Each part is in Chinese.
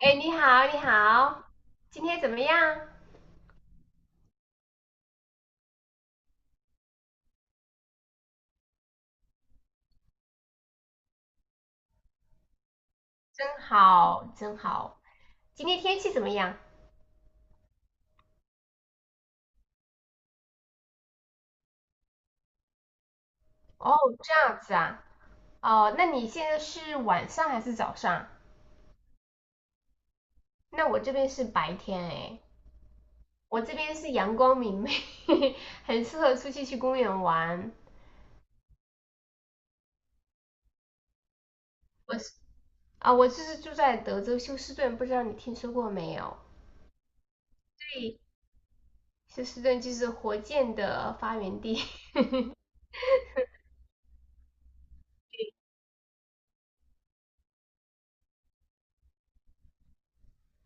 哎，你好，你好，今天怎么样？真好，真好。今天天气怎么样？哦，这样子啊。哦，那你现在是晚上还是早上？那我这边是白天哎，我这边是阳光明媚，很适合出去去公园玩。我是我就是住在德州休斯顿，不知道你听说过没有？对，休斯顿就是火箭的发源地，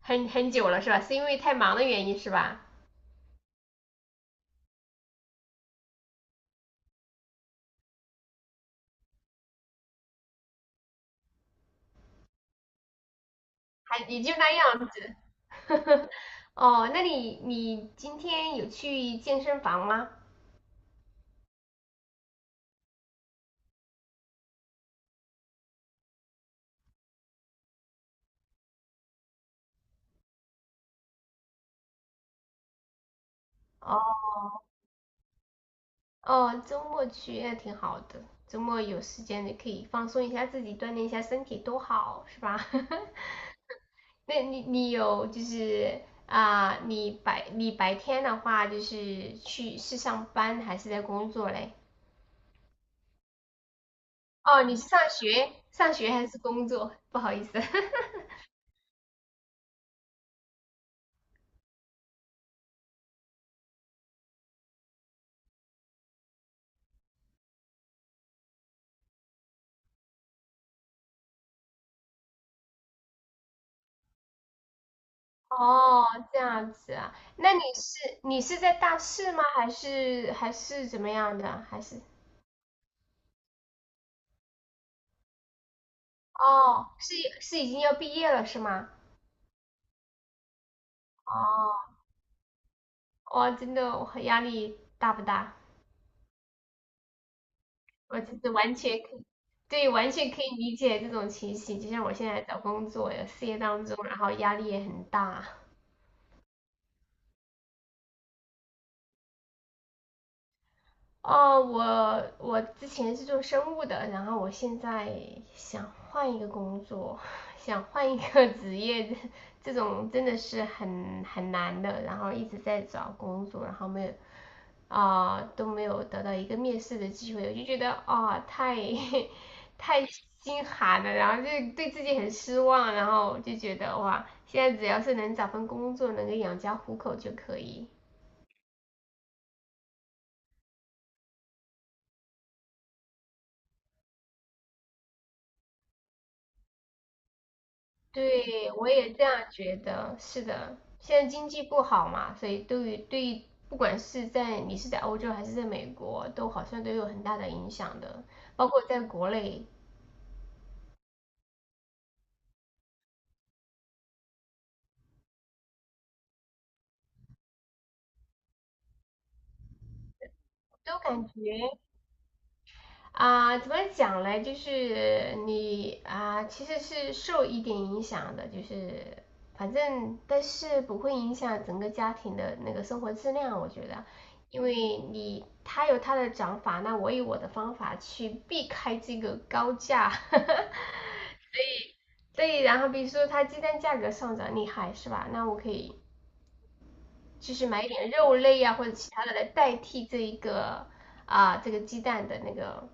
很久了是吧？是因为太忙的原因是吧？还也就那样子。哦，那你今天有去健身房吗？哦哦，周末去那挺好的，周末有时间你可以放松一下自己，锻炼一下身体，多好，是吧？那你你有就是啊、你白天的话就是去是上班还是在工作嘞？哦，你是上学还是工作？不好意思。哦，这样子啊，那你是在大四吗？还是怎么样的？还是哦，是已经要毕业了是吗？哦，哇，真的我压力大不大？我真的完全可以，对，完全可以理解这种情形。就像我现在找工作有事业当中，然后压力也很大。哦，我之前是做生物的，然后我现在想换一个工作，想换一个职业，这种真的是很难的。然后一直在找工作，然后没有啊、呃都没有得到一个面试的机会，我就觉得太 太心寒了，然后就对自己很失望，然后就觉得哇，现在只要是能找份工作，能够养家糊口就可以。对，我也这样觉得，是的。现在经济不好嘛，所以对于不管是在你是在欧洲还是在美国，都好像都有很大的影响的，包括在国内，都感觉怎么讲嘞？就是你啊、呃其实是受一点影响的，就是反正但是不会影响整个家庭的那个生活质量，我觉得，因为你他有他的讲法，那我有我的方法去避开这个高价。对，然后比如说他鸡蛋价格上涨厉害是吧？那我可以就是买一点肉类啊或者其他的来代替这个鸡蛋的那个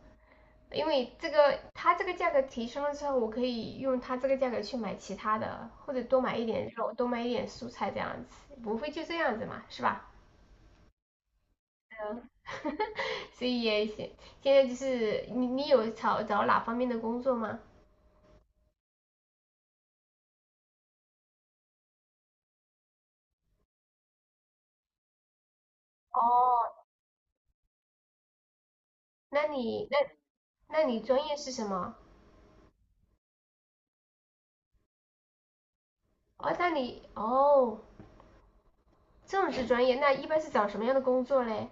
因为这个它这个价格提升了之后，我可以用它这个价格去买其他的，或者多买一点肉，多买一点蔬菜这样子，不会就这样子嘛，是吧？所以也行。现在就是你有找哪方面的工作吗？哦，那你那那你专业是什么？哦，那你哦，政治专业，那一般是找什么样的工作嘞？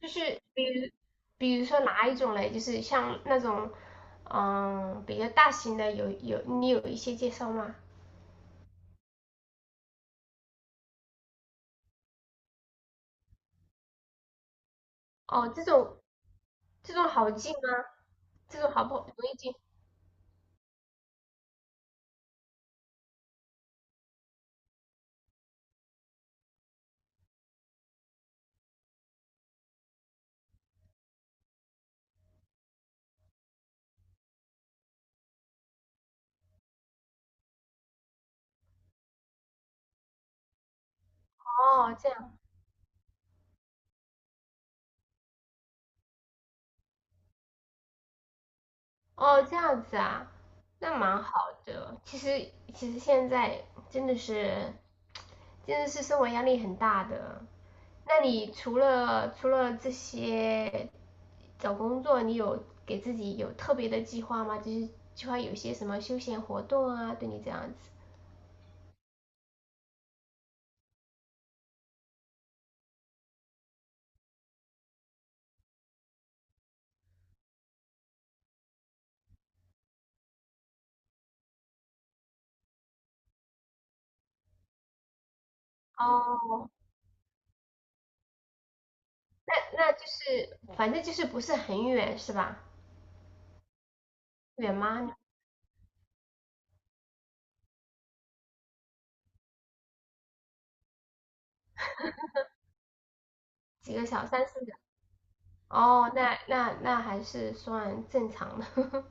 就是比如，比如说哪一种嘞？就是像那种，嗯，比较大型的有，你有一些介绍吗？哦，这种好进吗？这种好不容易进？哦，这样，哦，这样子啊，那蛮好的。其实现在真的是真的是生活压力很大的。那你除了这些找工作，你有给自己有特别的计划吗？就是计划有些什么休闲活动啊，对你这样子。哦，那那就是反正就是不是很远是吧？远吗？几个小三四个？哦，那还是算正常的。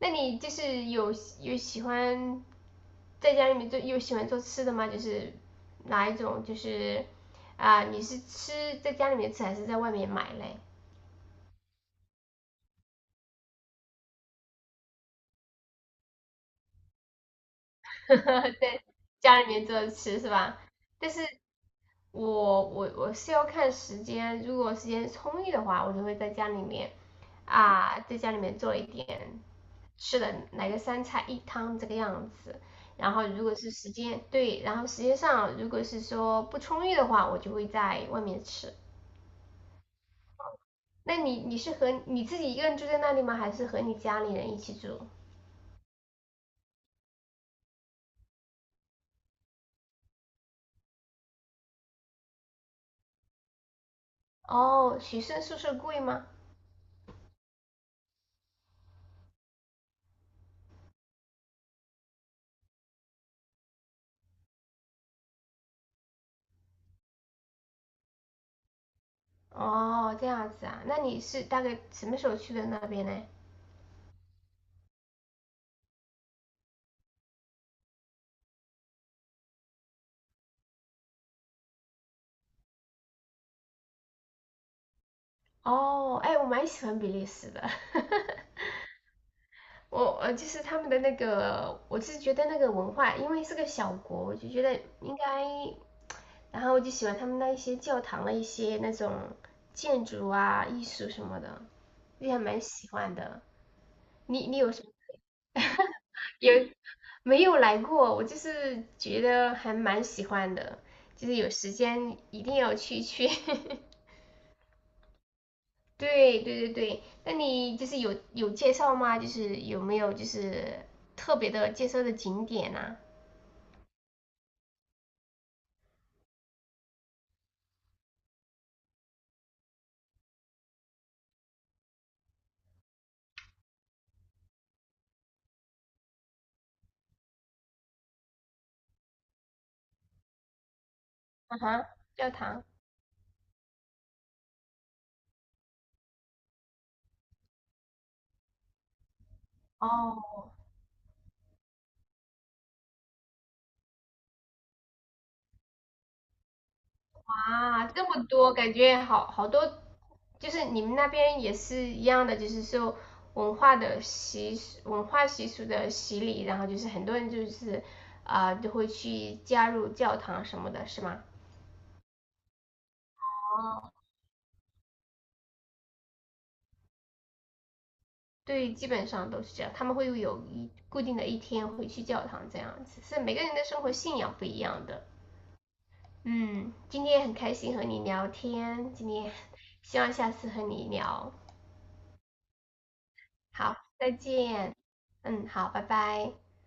那你就是有喜欢在家里面做，有喜欢做吃的吗？就是哪一种？你是吃在家里面吃还是在外面买嘞？在家里面做着吃是吧？但是我是要看时间，如果时间充裕的话，我就会在家里面啊，在家里面做一点吃的，来个三菜一汤这个样子。然后如果是时间对，然后时间上如果是说不充裕的话，我就会在外面吃。那你你是和你自己一个人住在那里吗？还是和你家里人一起住？哦，学生宿舍贵吗？哦，这样子啊，那你是大概什么时候去的那边呢？哦，哎，我蛮喜欢比利时的，我就是他们的那个，我是觉得那个文化，因为是个小国，我就觉得应该，然后我就喜欢他们那一些教堂的一些那种建筑啊、艺术什么的，就还蛮喜欢的。你你有什么？有没有来过？我就是觉得还蛮喜欢的，就是有时间一定要去去。对对对对，那你就是有介绍吗？就是有没有就是特别的介绍的景点呐、啊？啊哈，教堂。哦，啊，这么多，感觉好多，就是你们那边也是一样的，就是受文化习俗的洗礼，然后就是很多人就会去加入教堂什么的，是吗？对，基本上都是这样，他们会有一固定的一天会去教堂这样子，是每个人的生活信仰不一样的。嗯，今天也很开心和你聊天，今天希望下次和你聊。好，再见。嗯，好，拜拜。